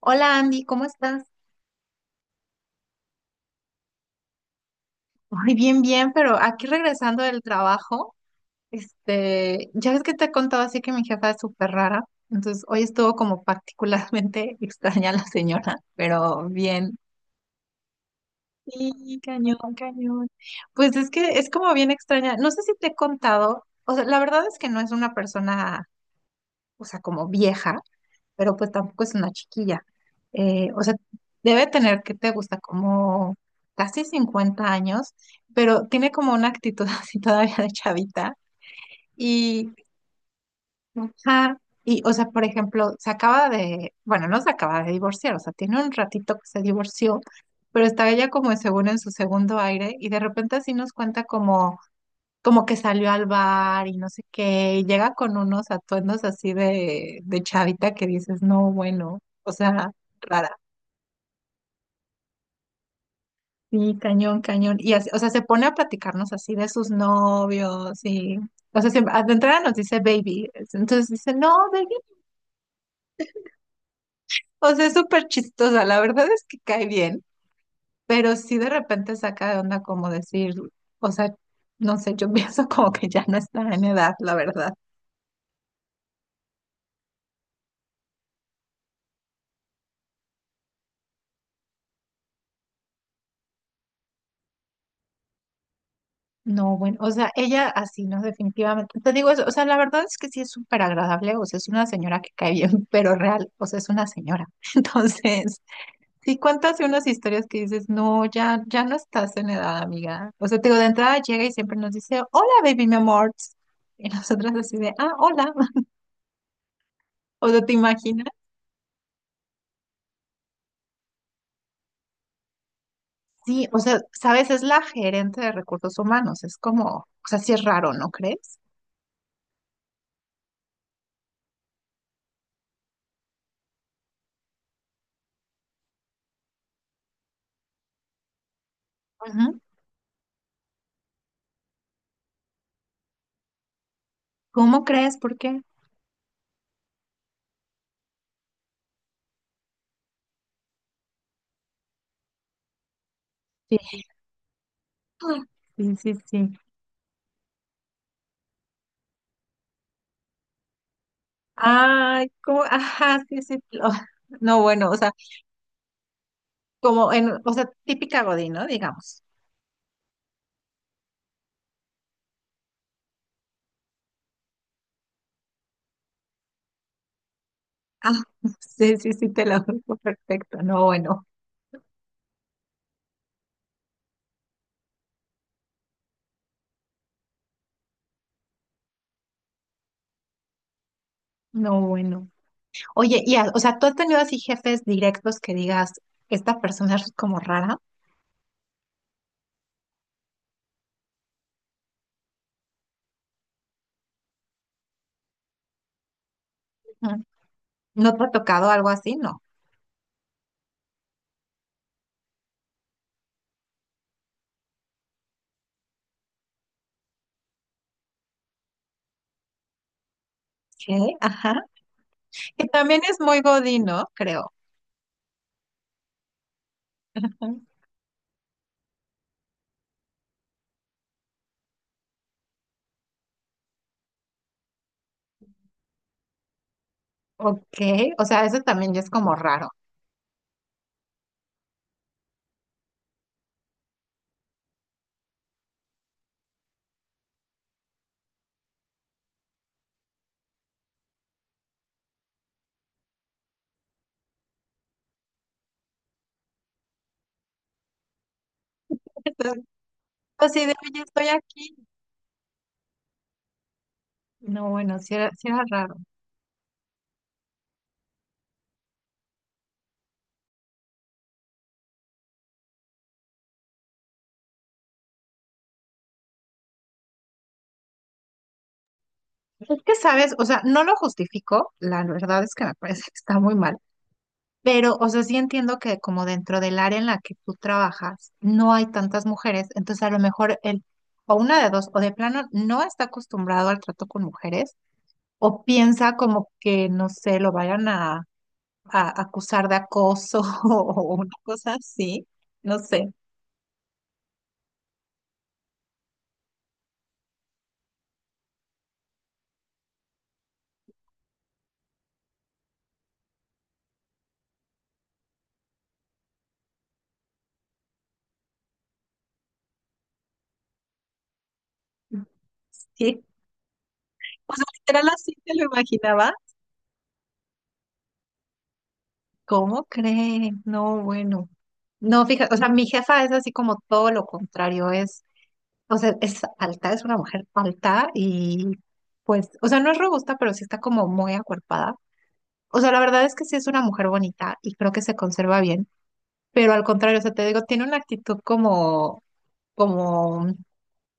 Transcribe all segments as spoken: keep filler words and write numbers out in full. Hola Andy, ¿cómo estás? Ay, bien, bien, pero aquí regresando del trabajo, este, ya ves que te he contado así que mi jefa es súper rara, entonces hoy estuvo como particularmente extraña la señora, pero bien. Sí, cañón, cañón. Pues es que es como bien extraña, no sé si te he contado, o sea, la verdad es que no es una persona, o sea, como vieja, pero pues tampoco es una chiquilla. Eh, o sea, debe tener que te gusta como casi cincuenta años, pero tiene como una actitud así todavía de chavita. Y, ajá, y, o sea, por ejemplo, se acaba de, bueno, no se acaba de divorciar, o sea, tiene un ratito que se divorció, pero está ella como en- según en su segundo aire y de repente así nos cuenta como como que salió al bar y no sé qué, y llega con unos atuendos así de, de chavita que dices, no, bueno, o sea, rara. Sí, cañón, cañón. Y así, o sea, se pone a platicarnos así de sus novios y, o sea, siempre, de entrada nos dice baby. Entonces dice, no, baby. O sea, es súper chistosa. La verdad es que cae bien, pero sí de repente saca de onda como decir, o sea, no sé, yo pienso como que ya no está en edad, la verdad. No, bueno, o sea, ella así, no, definitivamente. Te digo eso, o sea, la verdad es que sí es súper agradable, o sea, es una señora que cae bien, pero real, o sea, es una señora. Entonces, sí cuentas unas historias que dices, no, ya, ya no estás en edad, amiga. O sea, te digo, de entrada llega y siempre nos dice, hola, baby, mi amor. Y nosotras así de, ah, hola. O sea, ¿te imaginas? Sí, o sea, sabes, es la gerente de recursos humanos, es como, o sea, sí es raro, ¿no crees? Ujú. ¿Cómo crees? ¿Por qué? Sí, ah, sí, sí, sí. Ay, como, ajá, sí, sí. Lo- no, bueno, o sea, como en, o sea, típica Godín, ¿no? Digamos. Ah, sí, sí, sí, te lo digo perfecto. No, bueno, no, bueno. Oye, y, a- o sea, ¿tú has tenido así jefes directos que digas, esta persona es como rara? Ujú. ¿No te ha tocado algo así? No. ¿Qué? Ajá. Que también es muy Godín, ¿no? Creo. Ujú. Ok, o sea, eso también ya es como raro. Entonces, así de, oye, estoy aquí. No, bueno, sí era, sí era raro. Es que sabes, o sea, no lo justifico, la verdad es que me parece que está muy mal, pero, o sea, sí entiendo que como dentro del área en la que tú trabajas no hay tantas mujeres, entonces a lo mejor él, o una de dos, o de plano no está acostumbrado al trato con mujeres, o piensa como que, no sé, lo vayan a, a acusar de acoso o una cosa así, no sé. Sí, o sea, literal así te lo imaginaba. ¿Cómo cree? No, bueno. No, fíjate, o sea, mi jefa es así como todo lo contrario, es, o sea, es alta, es una mujer alta y pues, o sea, no es robusta, pero sí está como muy acuerpada. O sea, la verdad es que sí es una mujer bonita y creo que se conserva bien, pero al contrario, o sea, te digo, tiene una actitud como, como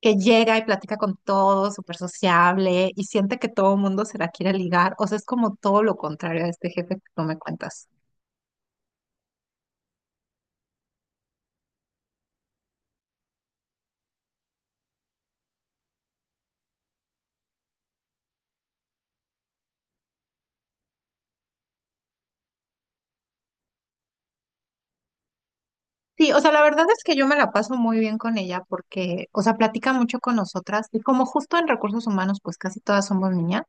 que llega y platica con todos, súper sociable y siente que todo el mundo se la quiere ligar. O sea, es como todo lo contrario a este jefe que tú me cuentas. Sí, o sea, la verdad es que yo me la paso muy bien con ella porque, o sea, platica mucho con nosotras y como justo en recursos humanos, pues casi todas somos niñas,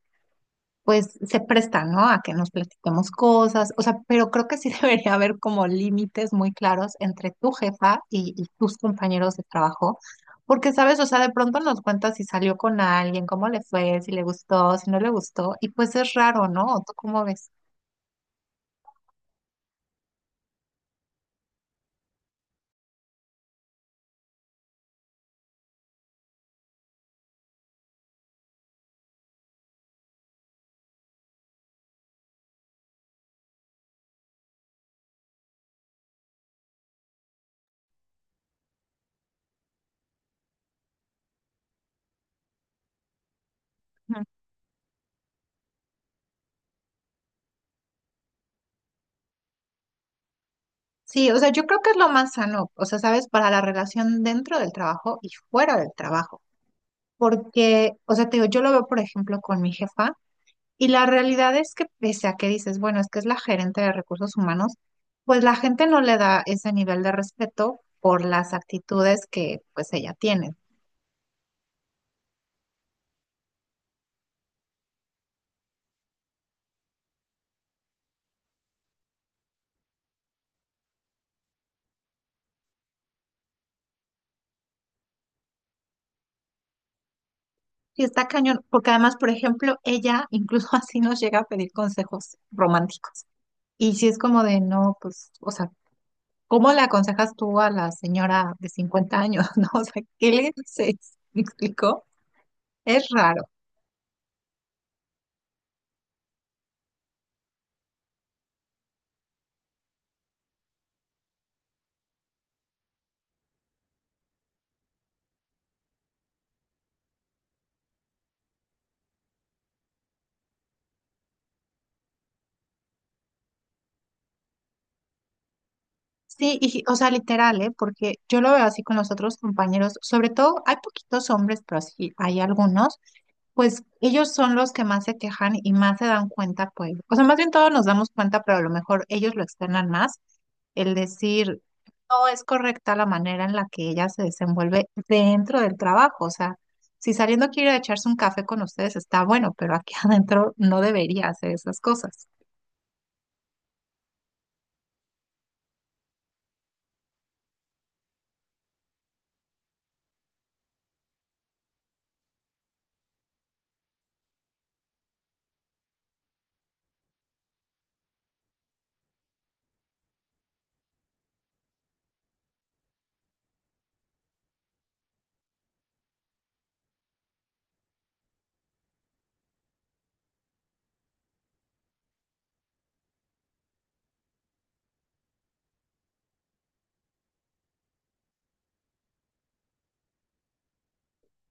pues se presta, ¿no? A que nos platiquemos cosas, o sea, pero creo que sí debería haber como límites muy claros entre tu jefa y, y tus compañeros de trabajo, porque, ¿sabes? O sea, de pronto nos cuenta si salió con alguien, cómo le fue, si le gustó, si no le gustó, y pues es raro, ¿no? ¿Tú cómo ves? Sí, o sea, yo creo que es lo más sano, o sea, sabes, para la relación dentro del trabajo y fuera del trabajo, porque, o sea, te digo, yo lo veo, por ejemplo, con mi jefa y la realidad es que pese a que dices, bueno, es que es la gerente de recursos humanos, pues la gente no le da ese nivel de respeto por las actitudes que pues ella tiene. Y está cañón, porque además, por ejemplo, ella incluso así nos llega a pedir consejos románticos. Y si es como de, no, pues, o sea, ¿cómo le aconsejas tú a la señora de cincuenta años, no? O sea, ¿qué le dices? ¿Me explicó? Es raro. Sí, y, o sea, literal, ¿eh? Porque yo lo veo así con los otros compañeros, sobre todo hay poquitos hombres, pero sí hay algunos, pues ellos son los que más se quejan y más se dan cuenta, pues, o sea, más bien todos nos damos cuenta, pero a lo mejor ellos lo externan más, el decir, no es correcta la manera en la que ella se desenvuelve dentro del trabajo. O sea, si saliendo quiere echarse un café con ustedes, está bueno, pero aquí adentro no debería hacer esas cosas.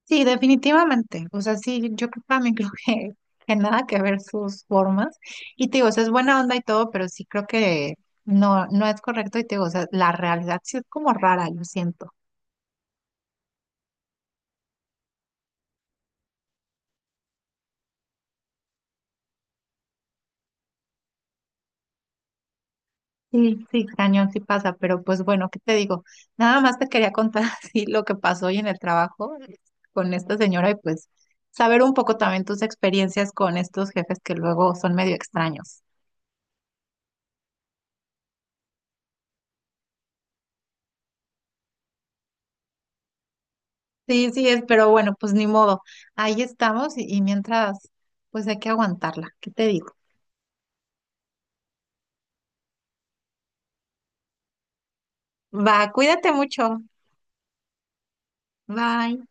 Sí, definitivamente. O sea, sí, yo creo- para mí creo que, que nada que ver sus formas. Y te digo, o sea, es buena onda y todo, pero sí creo que no, no es correcto. Y te digo, o sea, la realidad sí es como rara, yo siento. Sí, sí, cañón, sí pasa, pero pues bueno, ¿qué te digo? Nada más te quería contar así lo que pasó hoy en el trabajo con esta señora y pues saber un poco también tus experiencias con estos jefes que luego son medio extraños. Sí, sí es, pero bueno, pues ni modo. Ahí estamos y, y mientras, pues hay que aguantarla. ¿Qué te digo? Va, cuídate mucho. Bye.